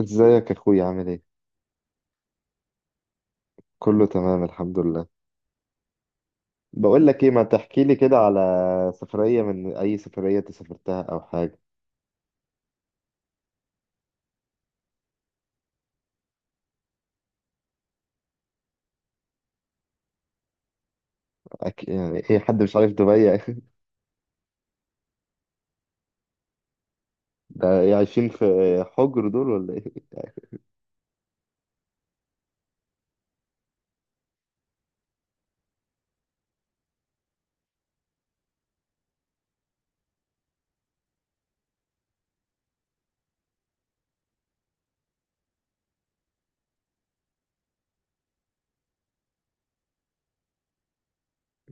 ازيك يا اخويا، عامل ايه؟ كله تمام، الحمد لله. بقول لك ايه، ما تحكي لي كده على سفرية، من اي سفرية انت سافرتها او حاجة؟ يعني ايه، حد مش عارف دبي؟ ده إيه، عايشين في حجر دول ولا ايه؟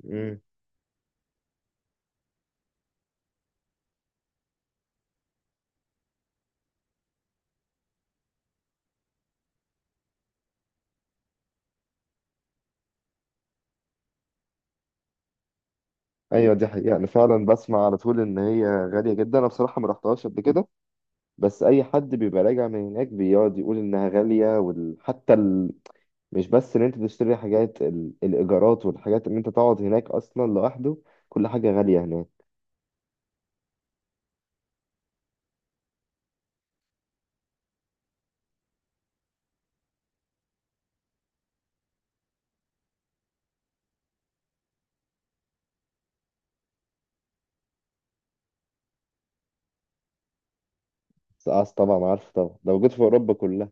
مم. ايوه، دي حقيقة. انا فعلا بسمع على طول ان هي غالية جدا. انا بصراحة ما رحتهاش قبل كده. بس اي حد بيبقى راجع من هناك بيقعد يقول انها غالية، حتى مش بس ان انت تشتري حاجات، الايجارات والحاجات ان انت تقعد هناك اصلا لوحده. كل حاجة غالية هناك. سقعت طبعا، عارفه طبعا، ده موجود في اوروبا كلها.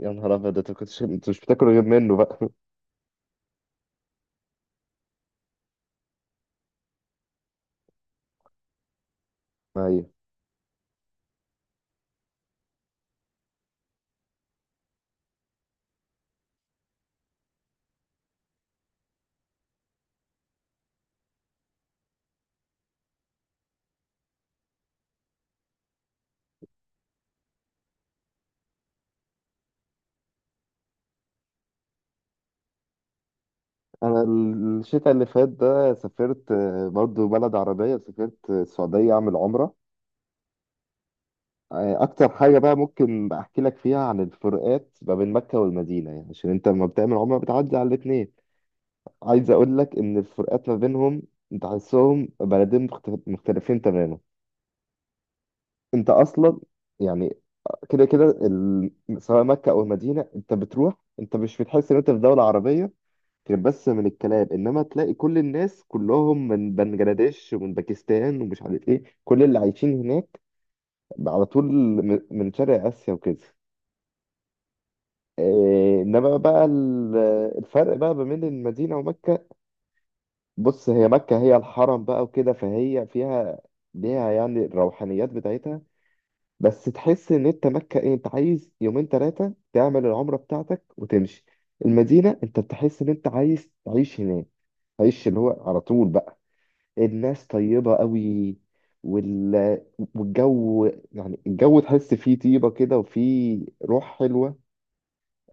يا نهار ابيض! انت كنتش انت مش بتاكلوا غير منه بقى؟ ايوه. انا الشتاء اللي فات ده سافرت، برضو بلد عربيه، سافرت، السعوديه اعمل عمره. اكتر حاجه بقى ممكن احكي لك فيها عن الفروقات ما بين مكه والمدينه، يعني عشان انت لما بتعمل عمره بتعدي على الاثنين. عايز اقول لك ان الفروقات ما بينهم، تحسهم بلدين مختلفين تماما. انت اصلا يعني كده كده سواء مكة أو المدينة أنت بتروح. أنت مش بتحس إن أنت في دولة عربية غير بس من الكلام، إنما تلاقي كل الناس كلهم من بنجلاديش ومن باكستان ومش عارف إيه، كل اللي عايشين هناك على طول من شرق آسيا وكده. إيه، إنما بقى الفرق بقى ما بين المدينة ومكة. بص، هي مكة هي الحرم بقى وكده، فهي فيها، ليها يعني الروحانيات بتاعتها. بس تحس ان انت مكة ايه، انت عايز يومين ثلاثة تعمل العمرة بتاعتك وتمشي. المدينة انت بتحس ان انت عايز تعيش هناك، تعيش اللي هو على طول بقى. الناس طيبة قوي، وال... والجو يعني الجو تحس فيه طيبة كده وفيه روح حلوة.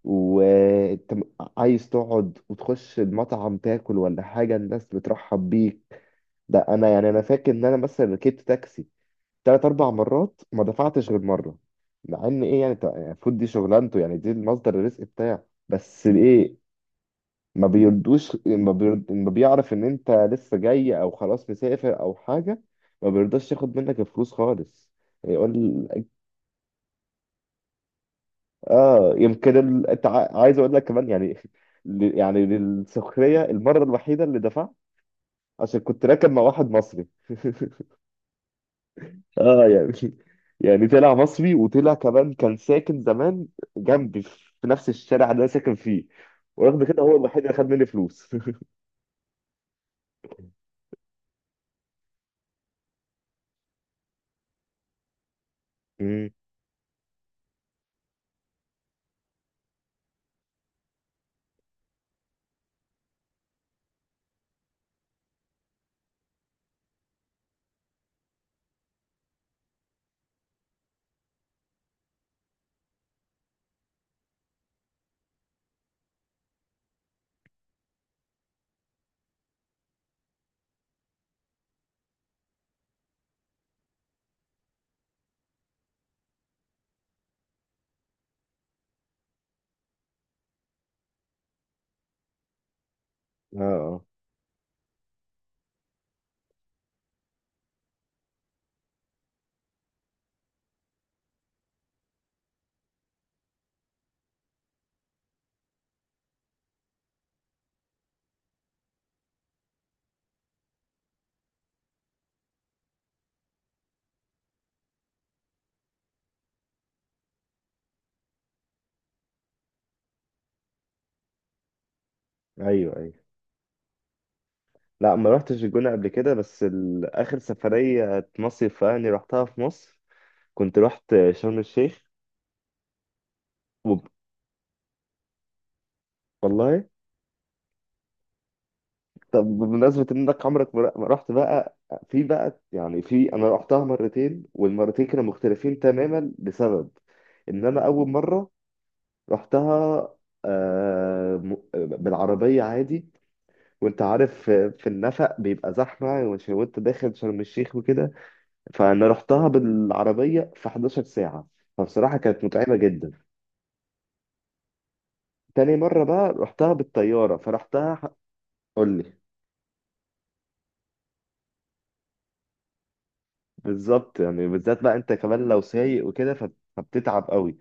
وانت عايز تقعد وتخش المطعم تاكل ولا حاجة، الناس بترحب بيك. ده انا يعني انا فاكر ان انا مثلا ركبت تاكسي تلات أربع مرات، ما دفعتش غير مرة. مع إن إيه، يعني المفروض دي شغلانته، يعني دي المصدر الرزق بتاعه، بس إيه، ما بيرد، ما بيعرف إن أنت لسه جاي أو خلاص مسافر أو حاجة، ما بيرضاش ياخد منك الفلوس خالص. يقول. آه، يمكن أنت عايز أقول لك كمان يعني، يعني للسخرية، المرة الوحيدة اللي دفعت عشان كنت راكب مع واحد مصري. اه، يعني يعني طلع مصري، وطلع كمان كان ساكن زمان جنبي في نفس الشارع اللي انا ساكن فيه. ورغم كده هو الوحيد اللي خد مني فلوس. مم. اه، اه. ايوه، ايوه. لا، ما رحتش الجونة قبل كده، بس اخر سفرية مصيف يعني رحتها في مصر، كنت رحت شرم الشيخ. وب... والله. طب، بمناسبة انك عمرك ما رحت بقى، في بقى يعني في، انا رحتها مرتين والمرتين كانوا مختلفين تماما، لسبب ان انا اول مرة رحتها، بالعربية عادي. وانت عارف في النفق بيبقى زحمة، وانت داخل شرم الشيخ وكده، فانا رحتها بالعربية في 11 ساعة، فبصراحة كانت متعبة جدا. تاني مرة بقى رحتها بالطيارة، فرحتها قول لي. بالظبط، يعني بالذات بقى انت كمان لو سايق وكده، فبتتعب قوي.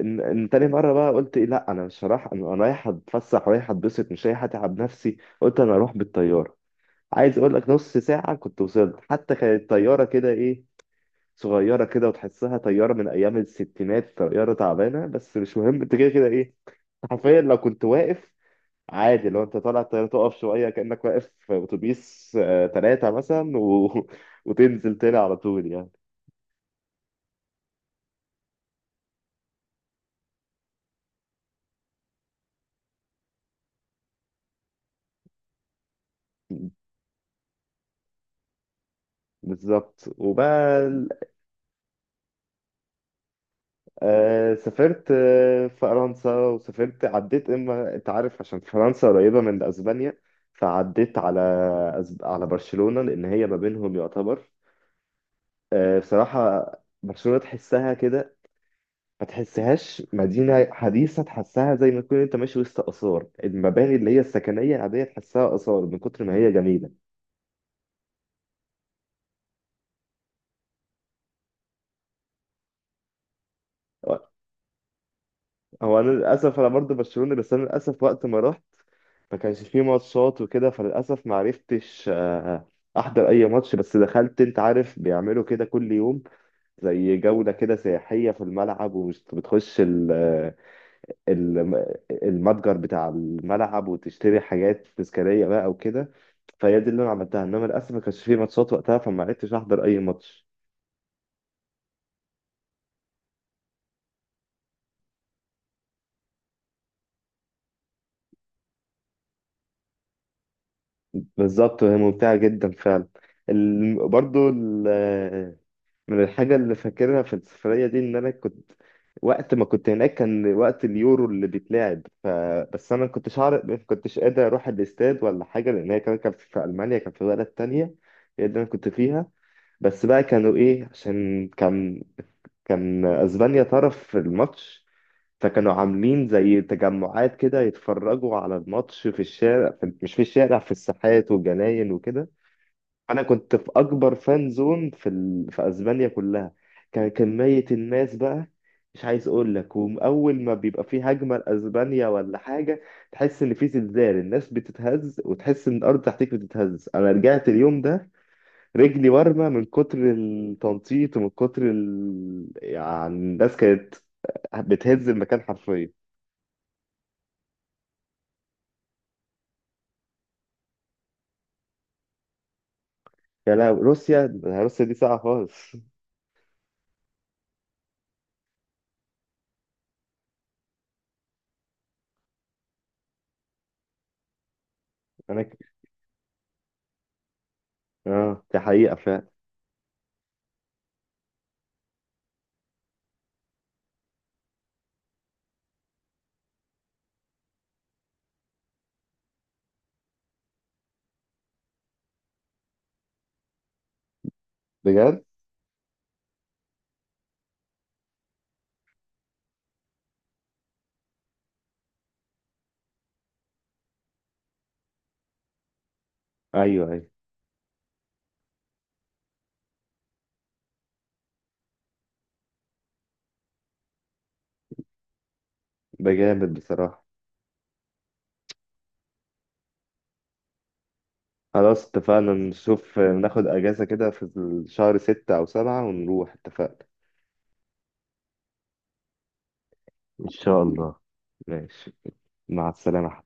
ان تاني مرة بقى قلت إيه، لا انا مش هروح، انا رايح اتفسح، رايح اتبسط، مش رايح اتعب نفسي، قلت انا اروح بالطيارة. عايز اقول لك نص ساعة كنت وصلت، حتى كانت طيارة كده ايه، صغيرة كده، وتحسها طيارة من ايام الستينات، طيارة تعبانة، بس مش مهم، انت كده كده ايه، حرفيا لو كنت واقف عادي، لو انت طالع الطيارة تقف شوية كأنك واقف في اتوبيس، تلاتة مثلا، وتنزل تاني على طول يعني. بالظبط، وبقى سافرت، فرنسا، وسافرت عديت، اما انت عارف عشان فرنسا قريبة من اسبانيا، فعديت على برشلونة، لان هي ما بينهم يعتبر، بصراحة برشلونة تحسها كده، ما تحسهاش مدينة حديثة، تحسها زي ما تكون انت ماشي وسط آثار، المباني اللي هي السكنية العادية تحسها آثار من كتر ما هي جميلة. هو انا للاسف انا برضه برشلونة، بس انا للاسف وقت ما رحت ما كانش فيه ماتشات وكده، فللأسف ما عرفتش أحضر أي ماتش، بس دخلت، أنت عارف بيعملوا كده كل يوم زي جولة كده سياحية في الملعب، ومش بتخش ال- المتجر بتاع الملعب وتشتري حاجات تذكارية بقى وكده. فهي دي اللي أنا عملتها، إنما للأسف ما كانش فيه ماتشات وقتها، فما عرفتش أحضر أي ماتش. بالظبط، وهي ممتعة جدا فعلا. برضو من الحاجة اللي فاكرها في السفرية دي، إن أنا كنت وقت ما كنت هناك كان وقت اليورو اللي بيتلعب. بس أنا ما كنتش عارف، ما كنتش قادر أروح الاستاد ولا حاجة، لأن هي كمان كانت في ألمانيا، كانت في بلد تانية، هي اللي أنا كنت فيها. بس بقى كانوا إيه، عشان كان، كان أسبانيا طرف في الماتش، فكانوا عاملين زي تجمعات كده يتفرجوا على الماتش في الشارع، مش في الشارع، في الساحات والجناين وكده. انا كنت في اكبر فان زون في اسبانيا كلها. كان كميه الناس بقى مش عايز اقول لك، واول ما بيبقى في هجمه لاسبانيا ولا حاجه تحس ان في زلزال، الناس بتتهز وتحس ان الارض تحتك بتتهز. انا رجعت اليوم ده رجلي ورمه من كتر التنطيط ومن كتر يعني الناس كانت بتهز المكان حرفيا. يا لا، روسيا، روسيا دي ساعه خالص. انا ك- اه، دي حقيقه فعلا. بجد. ايوه، ايوه. ده جامد بصراحه. خلاص، اتفقنا، نشوف ناخد اجازة كده في شهر ستة او سبعة ونروح. اتفقنا. إن شاء الله. ماشي. مع السلامة.